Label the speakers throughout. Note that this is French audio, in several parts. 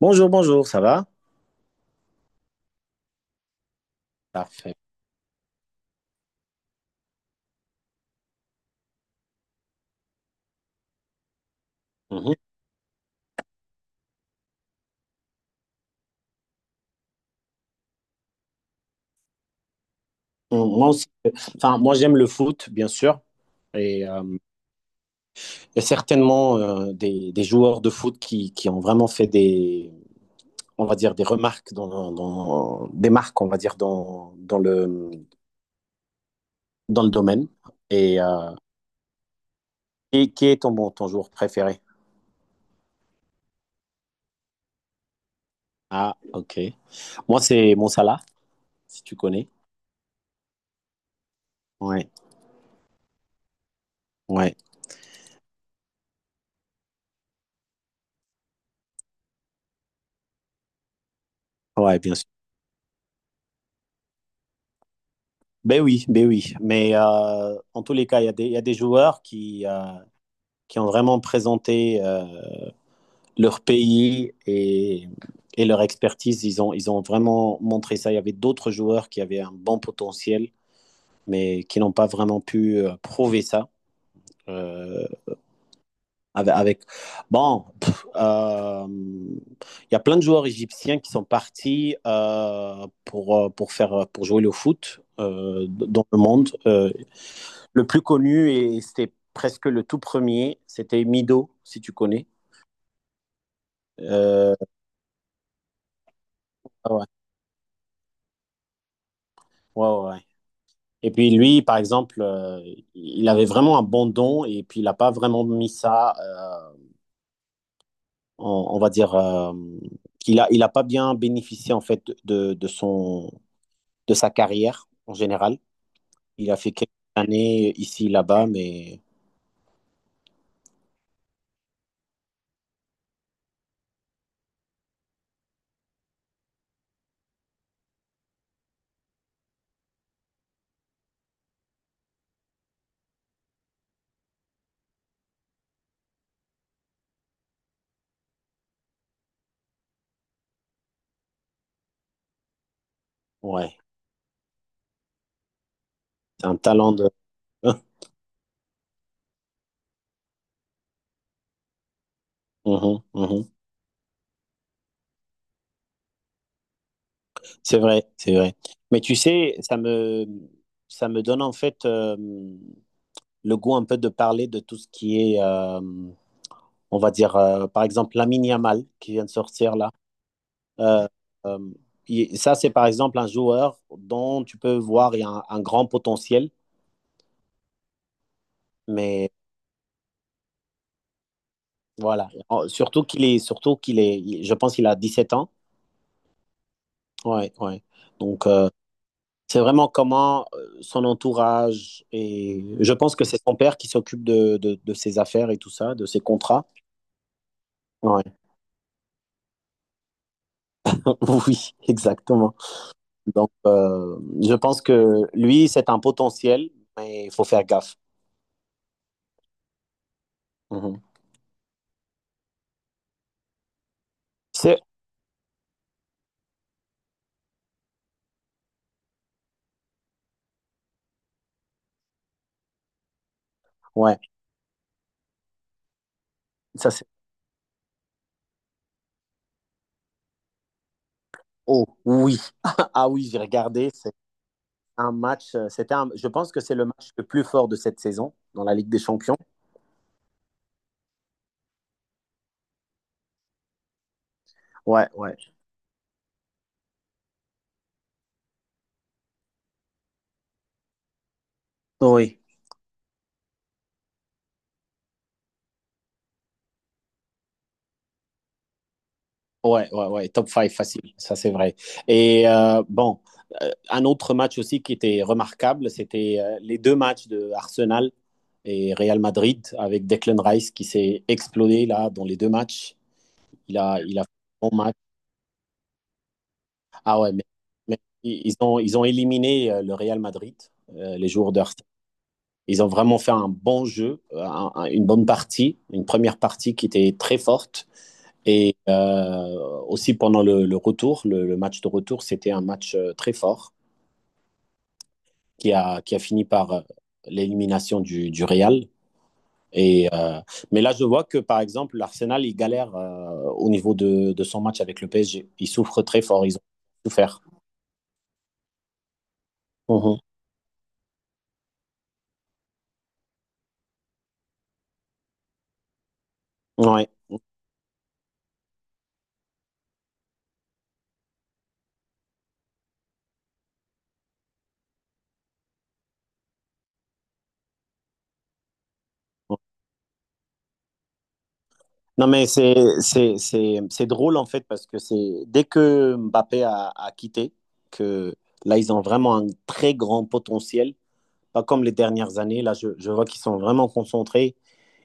Speaker 1: Bonjour, bonjour, ça va? Parfait. Mhm. Moi aussi, enfin, moi j'aime le foot, bien sûr. Et il y a certainement des joueurs de foot qui ont vraiment fait des, on va dire, des remarques dans des marques, on va dire, dans le domaine. Et, euh, et qui est ton, bon, ton joueur préféré? Ah, ok. Moi, c'est Mo Salah, si tu connais. Ouais, ouais, ouais, bien sûr. Ben oui, ben oui. Mais en tous les cas, il y a des joueurs qui ont vraiment présenté leur pays et leur expertise. Ils ont vraiment montré ça. Il y avait d'autres joueurs qui avaient un bon potentiel, mais qui n'ont pas vraiment pu prouver ça. Euh, avec, bon, il y a plein de joueurs égyptiens qui sont partis pour jouer le foot dans le monde. Le plus connu, et c'était presque le tout premier, c'était Mido, si tu connais. Euh, ah ouais. Ouais, ouais, ouais. Et puis lui, par exemple, il avait vraiment un bon don et puis il n'a pas vraiment mis ça, on va dire, il a pas bien bénéficié en fait de sa carrière en général. Il a fait quelques années ici, là-bas, mais ouais, c'est un talent de... Mhm, mhm. C'est vrai, c'est vrai. Mais tu sais, ça me donne en fait le goût un peu de parler de tout ce qui est... on va dire, par exemple, Lamine Yamal qui vient de sortir là. Euh, euh, ça, c'est par exemple un joueur dont tu peux voir il y a un grand potentiel, mais voilà. Surtout qu'il est, je pense qu'il a 17 ans. Ouais, ouais. Donc, c'est vraiment comment son entourage et je pense que c'est son père qui s'occupe de ses affaires et tout ça, de ses contrats. Ouais. Oui, exactement. Donc, je pense que lui, c'est un potentiel, mais il faut faire gaffe. Mhm. C'est ouais, ça c'est. Oh oui, ah oui, j'ai regardé. C'est un match. Je pense que c'est le match le plus fort de cette saison dans la Ligue des Champions. Ouais, ouais. Oui. Ouais, ouais, ouais. Top 5 facile. Ça c'est vrai. Et bon, un autre match aussi qui était remarquable, c'était les deux matchs de Arsenal et Real Madrid avec Declan Rice qui s'est explosé là dans les deux matchs. Il a fait un bon. Ah ouais, mais ils ont éliminé le Real Madrid les jours d'heure. Ils ont vraiment fait un bon jeu, une bonne partie, une première partie qui était très forte. Et aussi pendant le match de retour, c'était un match très fort qui a fini par l'élimination du Real. Et, euh, mais là, je vois que par exemple, l'Arsenal, il galère au niveau de son match avec le PSG. Ils souffrent très fort, ils ont souffert. Mhm. Ouais. Non, mais c'est drôle en fait parce que c'est dès que Mbappé a quitté, que là ils ont vraiment un très grand potentiel, pas comme les dernières années. Là, je vois qu'ils sont vraiment concentrés.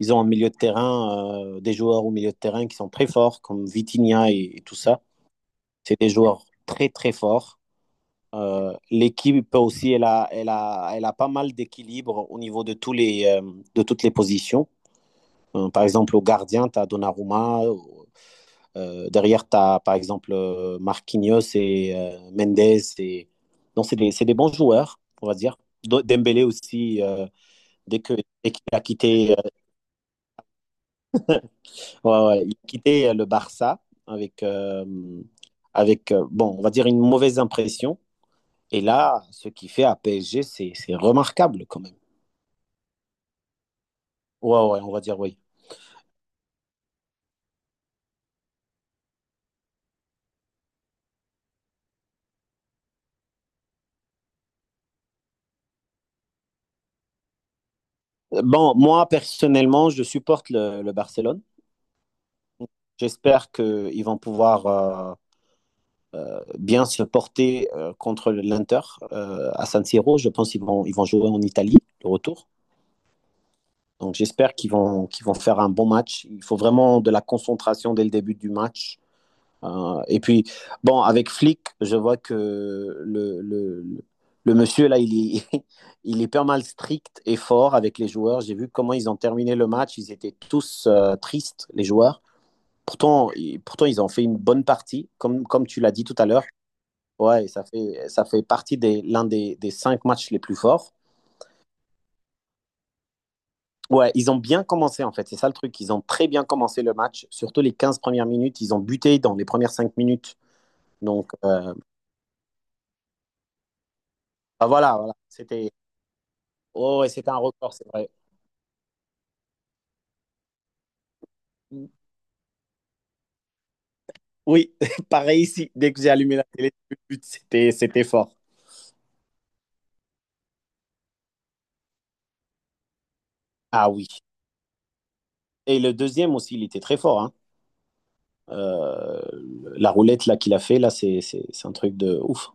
Speaker 1: Ils ont un milieu de terrain, des joueurs au milieu de terrain qui sont très forts, comme Vitinha et tout ça. C'est des joueurs très très forts. L'équipe aussi, elle a pas mal d'équilibre au niveau de, de toutes les positions. Par exemple, au gardien, tu as Donnarumma, derrière, tu as par exemple Marquinhos et Mendes. Et... Non, c'est des bons joueurs, on va dire. Dembélé aussi, dès que, dès qu'il a quitté, ouais, ouais, il a quitté le Barça avec, bon, on va dire une mauvaise impression. Et là, ce qu'il fait à PSG, c'est remarquable quand même. Ouais, ouais, on va dire oui. Bon, moi, personnellement, je supporte le Barcelone. J'espère qu'ils vont pouvoir bien se porter contre l'Inter à San Siro. Je pense qu'ils vont jouer en Italie, le retour. Donc j'espère qu'ils vont faire un bon match. Il faut vraiment de la concentration dès le début du match. Et puis, bon, avec Flick, je vois que le monsieur, là, il est, il est pas mal strict et fort avec les joueurs. J'ai vu comment ils ont terminé le match. Ils étaient tous tristes, les joueurs. Pourtant, pourtant, ils ont fait une bonne partie. Comme tu l'as dit tout à l'heure, ouais, ça fait partie des l'un des cinq matchs les plus forts. Ouais, ils ont bien commencé en fait, c'est ça le truc. Ils ont très bien commencé le match, surtout les 15 premières minutes. Ils ont buté dans les premières 5 minutes. Donc bah voilà, voilà. c'était Oh, ouais, c'était un record, c'est vrai. Oui, pareil ici. Dès que j'ai allumé la télé, le but, c'était fort. Ah oui. Et le deuxième aussi, il était très fort. Hein. Euh, la roulette là qu'il a fait, là, c'est un truc de ouf.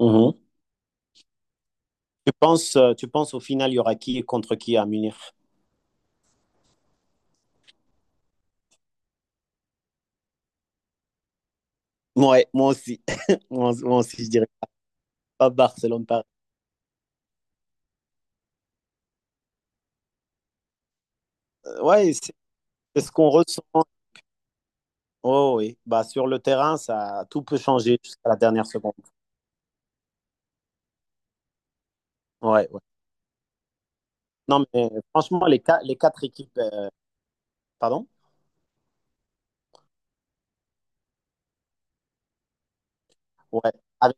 Speaker 1: Mhm. Tu penses, au final, il y aura qui contre qui à Munich? Ouais, moi aussi. Moi aussi, je dirais pas Barcelone, Paris. Ouais, c'est ce qu'on ressent. Oh oui, bah sur le terrain, ça tout peut changer jusqu'à la dernière seconde. Ouais, ouais. Non, mais franchement, les quatre équipes, pardon? Ouais, avec,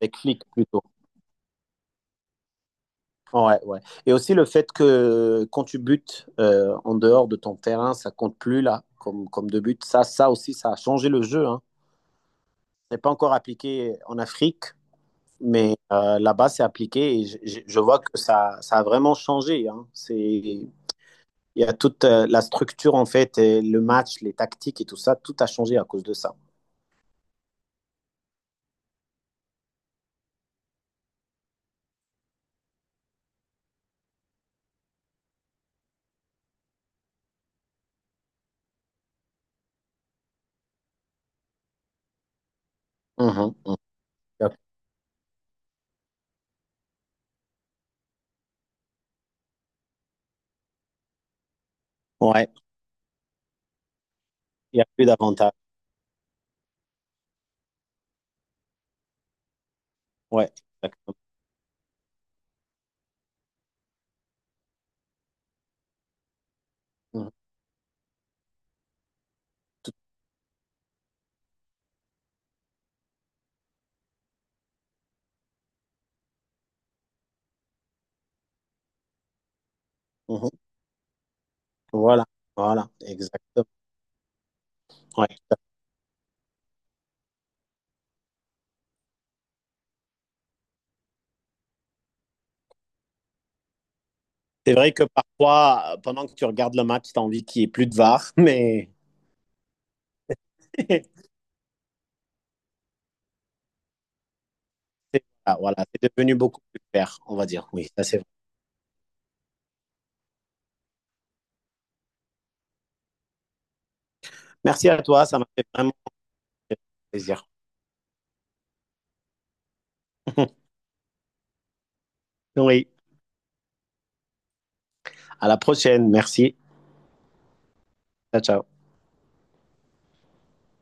Speaker 1: avec Flick plutôt. Ouais, ouais. Et aussi le fait que quand tu butes en dehors de ton terrain, ça compte plus là, comme de but. Ça aussi, ça a changé le jeu, hein. C'est pas encore appliqué en Afrique, mais là-bas, c'est appliqué et je vois que ça a vraiment changé. Hein. Il y a toute la structure, en fait, et le match, les tactiques et tout ça, tout a changé à cause de ça. Mhm, mhm. Ouais, il n'y a plus d'avantages. Ouais, exactement. Mhm, tout- mhm. Voilà, voilà, exactement. Ouais. C'est vrai que parfois, pendant que tu regardes le match, tu as envie qu'il n'y ait plus de VAR, mais ah, voilà, c'est devenu beaucoup plus clair, on va dire. Oui, ça c'est vrai. Merci à toi, ça m'a fait vraiment plaisir. Oui, à la prochaine. Merci. Ciao, ciao.